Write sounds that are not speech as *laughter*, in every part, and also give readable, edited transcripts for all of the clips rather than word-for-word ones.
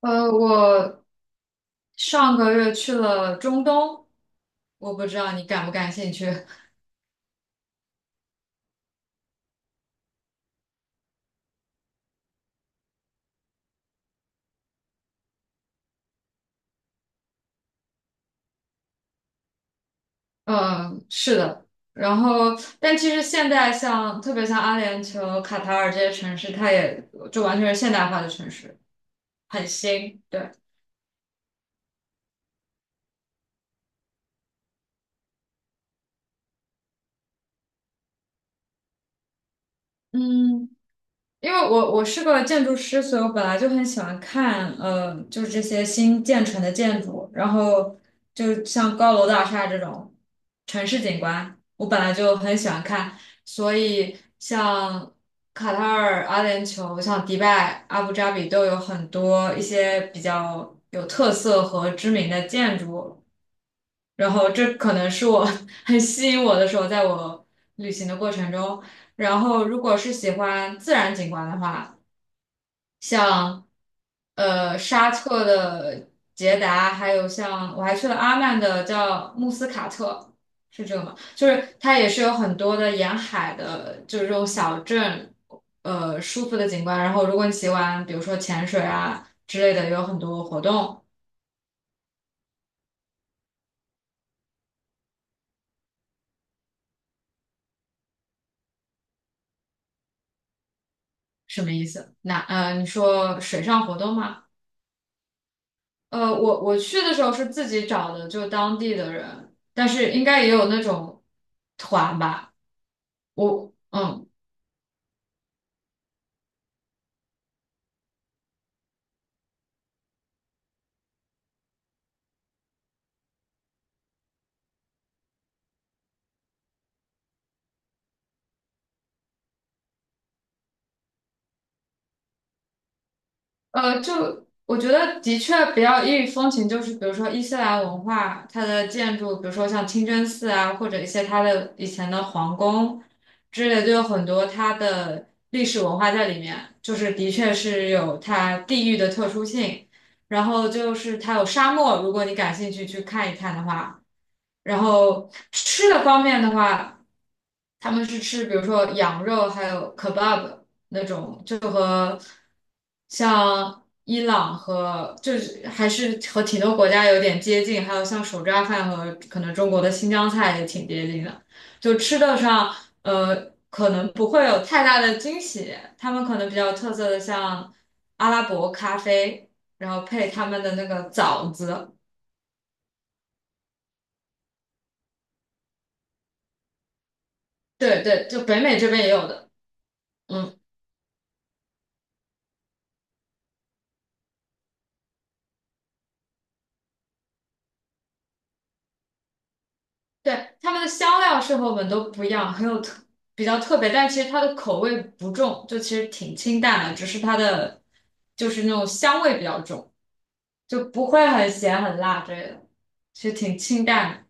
我上个月去了中东，我不知道你感不感兴趣。嗯，是的。然后，但其实现在特别像阿联酋、卡塔尔这些城市，它也就完全是现代化的城市，很新。对，嗯。因为我是个建筑师，所以我本来就很喜欢看，就是这些新建成的建筑，然后就像高楼大厦这种城市景观，我本来就很喜欢看，所以像卡塔尔、阿联酋、像迪拜、阿布扎比都有很多一些比较有特色和知名的建筑，然后这可能是我 *laughs* 很吸引我的时候，在我旅行的过程中。然后，如果是喜欢自然景观的话，像沙特的捷达，还有像我还去了阿曼的叫穆斯卡特，是这个吗？就是它也是有很多的沿海的，就是这种小镇，舒服的景观。然后如果你喜欢，比如说潜水啊之类的，也有很多活动。什么意思？那你说水上活动吗？我去的时候是自己找的，就当地的人，但是应该也有那种团吧。我嗯。就我觉得的确比较异域风情，就是比如说伊斯兰文化，它的建筑，比如说像清真寺啊，或者一些它的以前的皇宫之类，就有很多它的历史文化在里面，就是的确是有它地域的特殊性。然后就是它有沙漠，如果你感兴趣去看一看的话，然后吃的方面的话，他们是吃比如说羊肉还有 kebab。那种，就和像伊朗和就是还是和挺多国家有点接近，还有像手抓饭和可能中国的新疆菜也挺接近的，就吃的上可能不会有太大的惊喜，他们可能比较特色的像阿拉伯咖啡，然后配他们的那个枣子，对对，就北美这边也有的，嗯。对，他们的香料是和我们都不一样，很有特比较特别，但其实它的口味不重，就其实挺清淡的，只是它的就是那种香味比较重，就不会很咸很辣之类的，其实挺清淡的。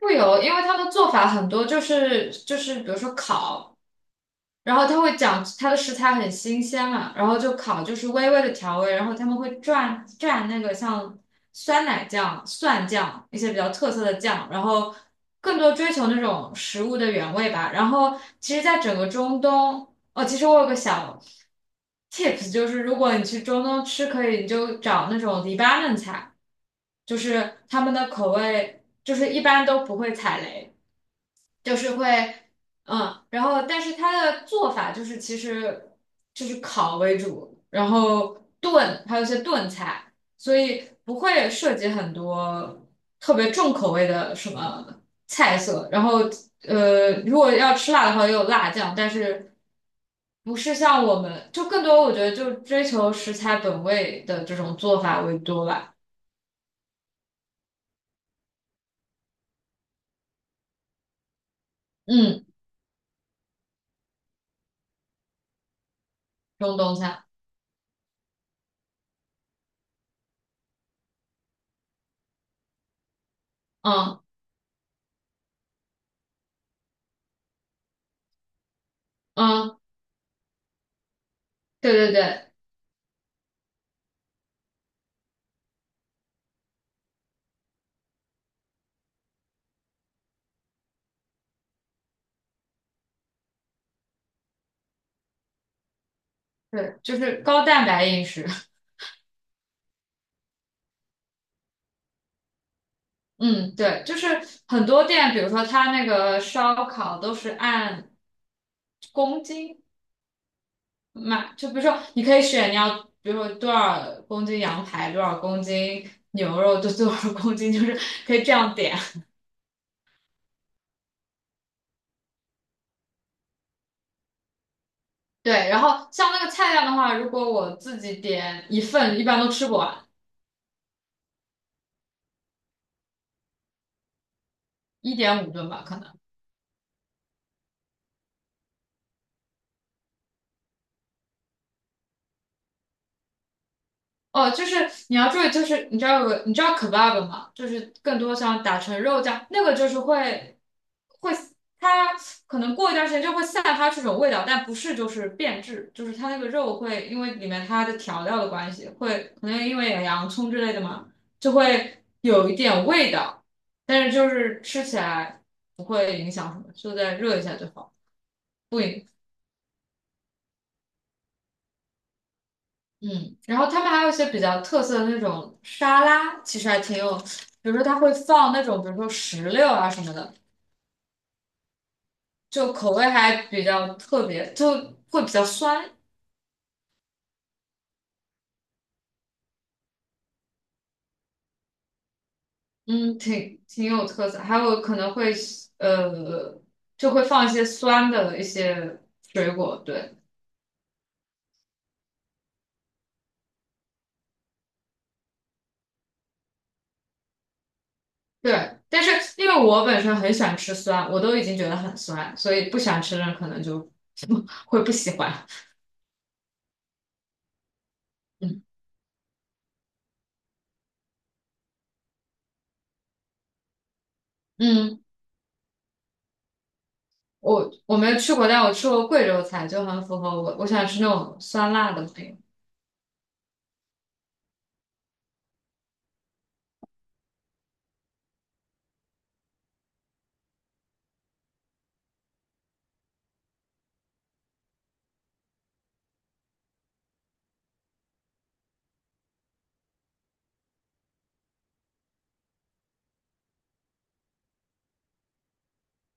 不油，因为它的做法很多，就是比如说烤。然后他会讲他的食材很新鲜嘛，然后就烤，就是微微的调味，然后他们会蘸蘸那个像酸奶酱、蒜酱一些比较特色的酱，然后更多追求那种食物的原味吧。然后其实，在整个中东，哦，其实我有个小 tips，就是如果你去中东吃，可以你就找那种黎巴嫩菜，就是他们的口味就是一般都不会踩雷。就是会，嗯，然后但是它的做法就是其实就是烤为主，然后炖，还有一些炖菜，所以不会涉及很多特别重口味的什么菜色。然后如果要吃辣的话，也有辣酱，但是不是像我们就更多，我觉得就追求食材本味的这种做法为多吧。嗯，中东菜，嗯嗯，对对对对，就是高蛋白饮食。嗯，对，就是很多店，比如说它那个烧烤都是按公斤卖，就比如说你可以选你要，比如说多少公斤羊排，多少公斤牛肉，就多少公斤，就是可以这样点。对，然后像那个菜量的话，如果我自己点一份，一般都吃不完，1.5顿吧，可能。哦，就是你要注意，就是你知道 kebab 吗？就是更多像打成肉酱，那个就是会它可能过一段时间就会散发出这种味道，但不是就是变质，就是它那个肉会因为里面它的调料的关系，会可能因为有洋葱之类的嘛，就会有一点味道，但是就是吃起来不会影响什么，就再热一下就好。不影。嗯，然后他们还有一些比较特色的那种沙拉，其实还挺有，比如说他会放那种，比如说石榴啊什么的，就口味还比较特别，就会比较酸，嗯，挺有特色。还有可能会呃，就会放一些酸的一些水果，对对。但是因为我本身很喜欢吃酸，我都已经觉得很酸，所以不喜欢吃的人可能就会不喜欢。嗯嗯。我没有去过，但我吃过贵州菜，就很符合我想吃那种酸辣的那个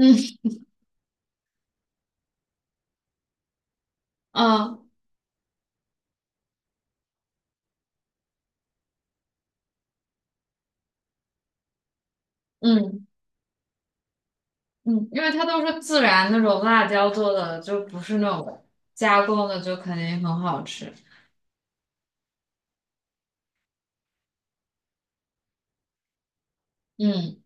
嗯嗯嗯嗯，因为它都是自然那种辣椒做的，就不是那种加工的，就肯定很好吃。嗯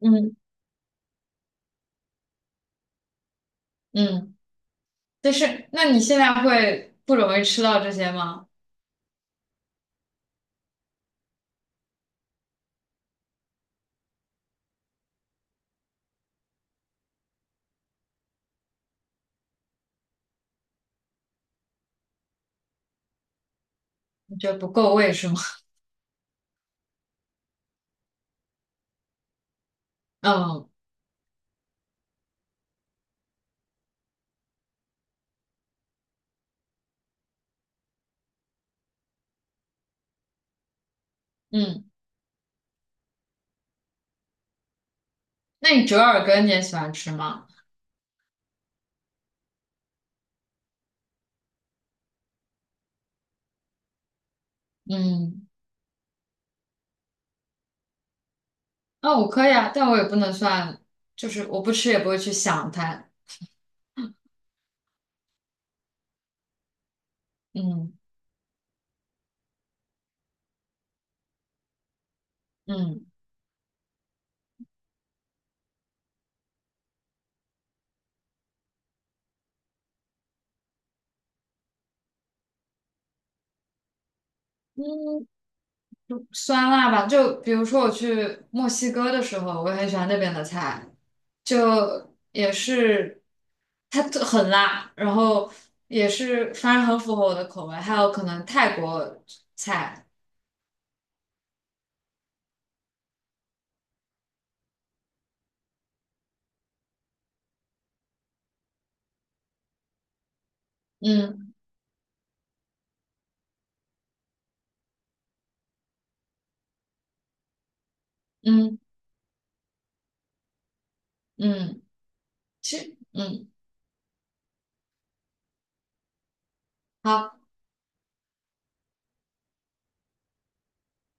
嗯嗯，但是那你现在会不容易吃到这些吗？你觉得不够味是吗？*laughs* 嗯嗯，那你折耳根你也喜欢吃吗？嗯，那我可以啊，但我也不能算，就是我不吃也不会去想它。嗯嗯嗯。酸辣吧，就比如说我去墨西哥的时候，我也很喜欢那边的菜，就也是它很辣，然后也是反正很符合我的口味。还有可能泰国菜，嗯嗯嗯，其实好。